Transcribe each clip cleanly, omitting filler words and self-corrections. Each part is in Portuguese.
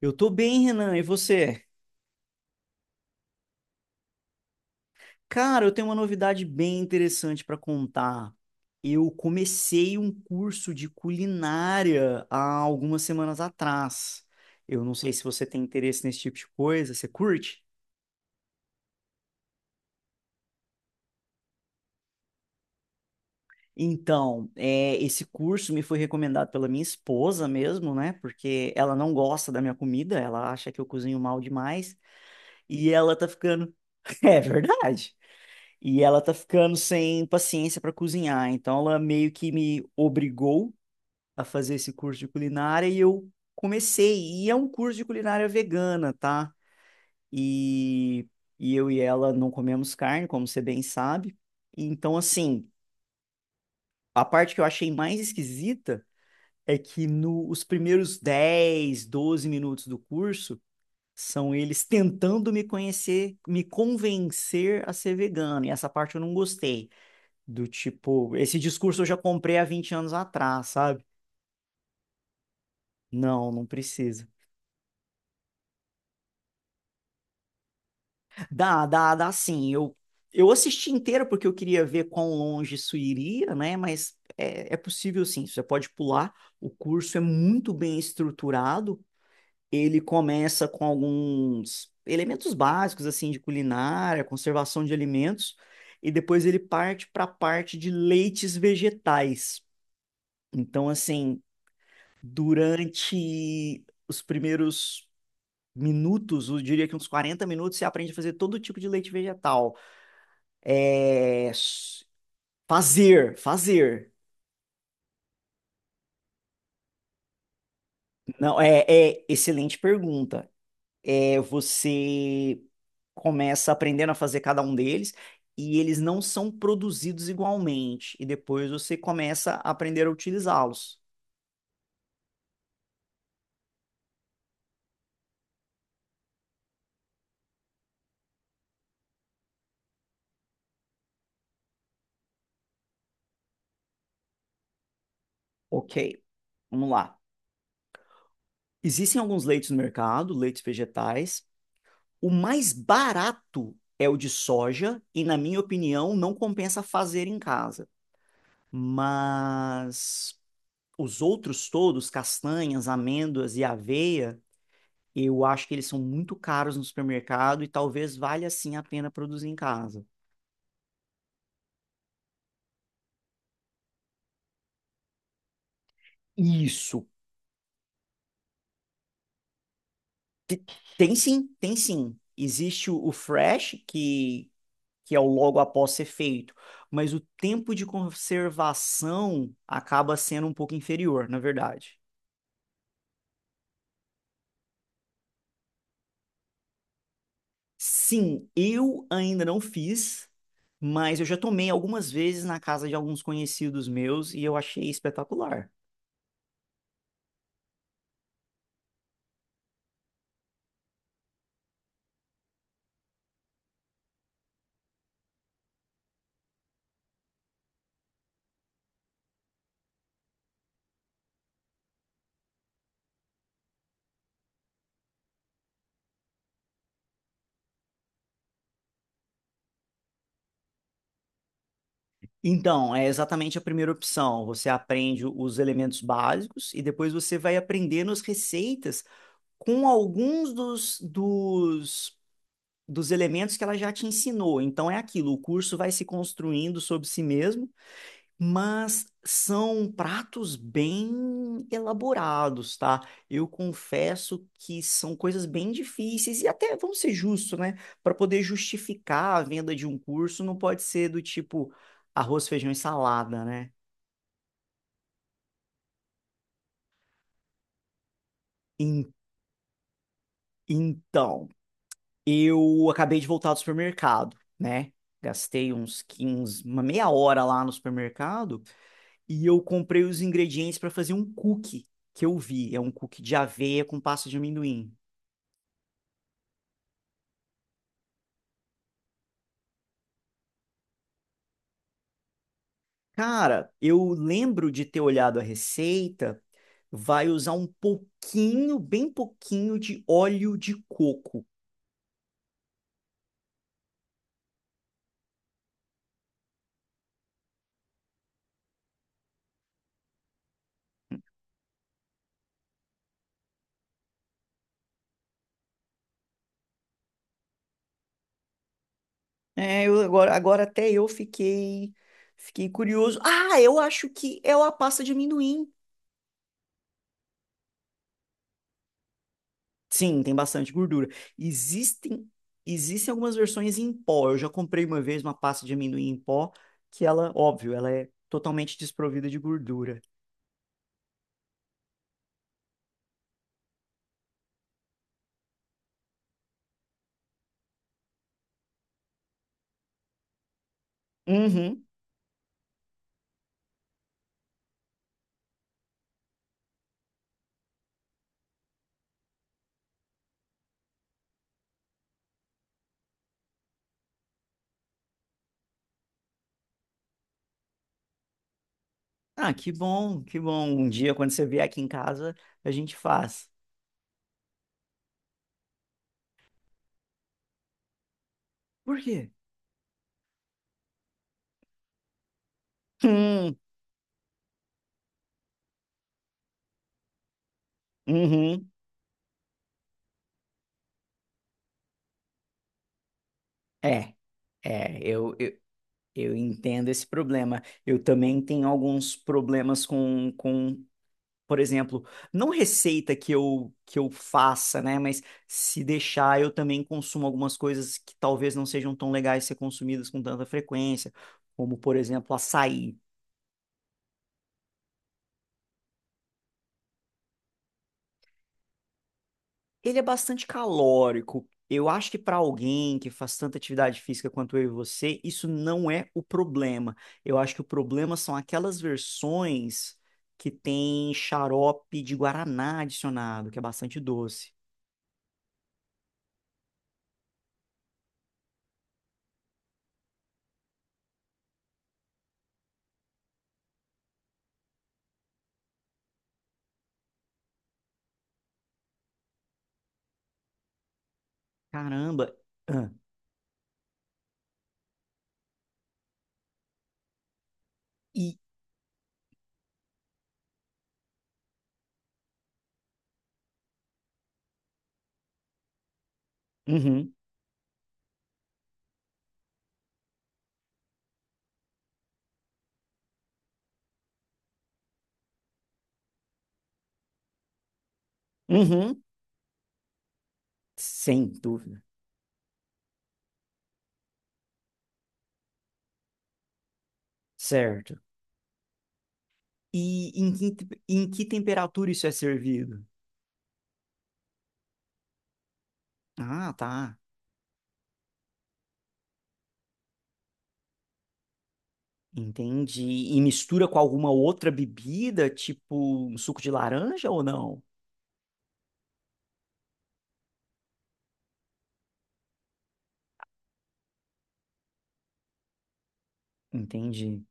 Eu tô bem, Renan, e você? Cara, eu tenho uma novidade bem interessante para contar. Eu comecei um curso de culinária há algumas semanas atrás. Eu não sei se você tem interesse nesse tipo de coisa, você curte? Então, esse curso me foi recomendado pela minha esposa mesmo, né? Porque ela não gosta da minha comida, ela acha que eu cozinho mal demais e ela tá ficando. É verdade. E ela tá ficando sem paciência para cozinhar, então ela meio que me obrigou a fazer esse curso de culinária e eu comecei. E é um curso de culinária vegana, tá? E, e eu e ela não comemos carne, como você bem sabe. Então, assim, a parte que eu achei mais esquisita é que nos primeiros 10, 12 minutos do curso são eles tentando me conhecer, me convencer a ser vegano, e essa parte eu não gostei. Do tipo, esse discurso eu já comprei há 20 anos atrás, sabe? Não, não precisa. Dá, dá, dá sim. Eu assisti inteiro porque eu queria ver quão longe isso iria, né? Mas é possível sim, você pode pular. O curso é muito bem estruturado. Ele começa com alguns elementos básicos, assim, de culinária, conservação de alimentos, e depois ele parte para a parte de leites vegetais. Então, assim, durante os primeiros minutos, eu diria que uns 40 minutos, você aprende a fazer todo tipo de leite vegetal. É... Fazer, fazer. Não, é excelente pergunta. É, você começa aprendendo a fazer cada um deles e eles não são produzidos igualmente. E depois você começa a aprender a utilizá-los. Ok, vamos lá. Existem alguns leites no mercado, leites vegetais. O mais barato é o de soja, e na minha opinião, não compensa fazer em casa. Mas os outros todos, castanhas, amêndoas e aveia, eu acho que eles são muito caros no supermercado e talvez valha sim a pena produzir em casa. Isso. Tem sim, tem sim. Existe o fresh, que é o logo após ser feito, mas o tempo de conservação acaba sendo um pouco inferior, na verdade. Sim, eu ainda não fiz, mas eu já tomei algumas vezes na casa de alguns conhecidos meus e eu achei espetacular. Então, é exatamente a primeira opção. Você aprende os elementos básicos e depois você vai aprendendo as receitas com alguns dos elementos que ela já te ensinou. Então, é aquilo, o curso vai se construindo sobre si mesmo. Mas são pratos bem elaborados, tá? Eu confesso que são coisas bem difíceis e até vamos ser justos, né? Para poder justificar a venda de um curso, não pode ser do tipo arroz, feijão e salada, né? En- então, eu acabei de voltar do supermercado, né? Gastei uns 15, uma meia hora lá no supermercado e eu comprei os ingredientes para fazer um cookie que eu vi. É um cookie de aveia com pasta de amendoim. Cara, eu lembro de ter olhado a receita, vai usar um pouquinho, bem pouquinho de óleo de coco. É, eu agora até eu fiquei curioso. Ah, eu acho que é a pasta de amendoim. Sim, tem bastante gordura. Existem, existem algumas versões em pó. Eu já comprei uma vez uma pasta de amendoim em pó, que ela, óbvio, ela é totalmente desprovida de gordura. Uhum. Ah, que bom, que bom. Um dia, quando você vier aqui em casa, a gente faz. Por quê? Hum, uhum. É, é, eu, eu, eu entendo esse problema. Eu também tenho alguns problemas por exemplo, não receita que que eu faça, né? Mas se deixar, eu também consumo algumas coisas que talvez não sejam tão legais ser consumidas com tanta frequência, como, por exemplo, açaí. Ele é bastante calórico. Eu acho que para alguém que faz tanta atividade física quanto eu e você, isso não é o problema. Eu acho que o problema são aquelas versões que tem xarope de guaraná adicionado, que é bastante doce. Caramba! Ah, e uhum, uhum, sem dúvida. Certo. E em que temperatura isso é servido? Ah, tá. Entendi. E mistura com alguma outra bebida, tipo um suco de laranja ou não? Entendi.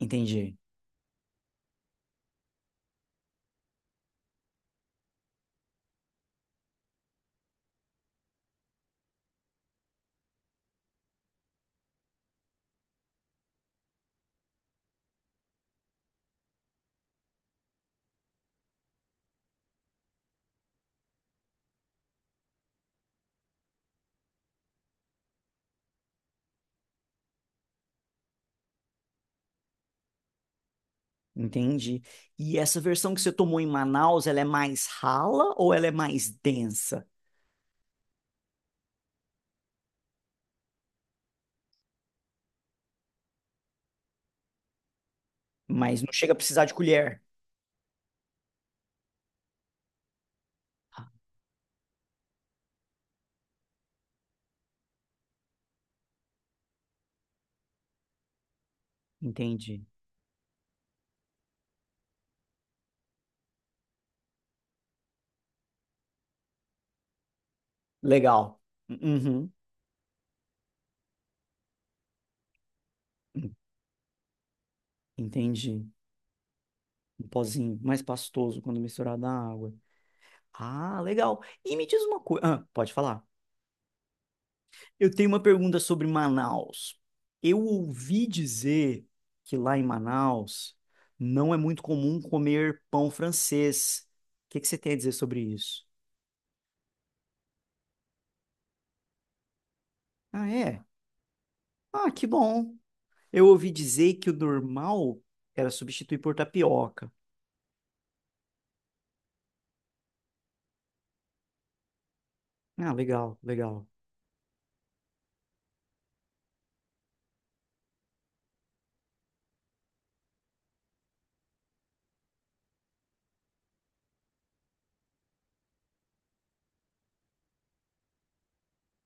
Entendi. Entendi. E essa versão que você tomou em Manaus, ela é mais rala ou ela é mais densa? Mas não chega a precisar de colher. Ah, entendi. Legal. Uhum. Entendi. Um pozinho mais pastoso quando misturado na água. Ah, legal. E me diz uma coisa. Ah, pode falar. Eu tenho uma pergunta sobre Manaus. Eu ouvi dizer que lá em Manaus não é muito comum comer pão francês. O que que você tem a dizer sobre isso? Ah, é? Ah, que bom. Eu ouvi dizer que o normal era substituir por tapioca. Ah, legal, legal.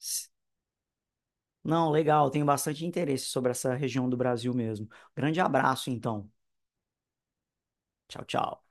S- Não, legal. Tenho bastante interesse sobre essa região do Brasil mesmo. Grande abraço, então. Tchau, tchau.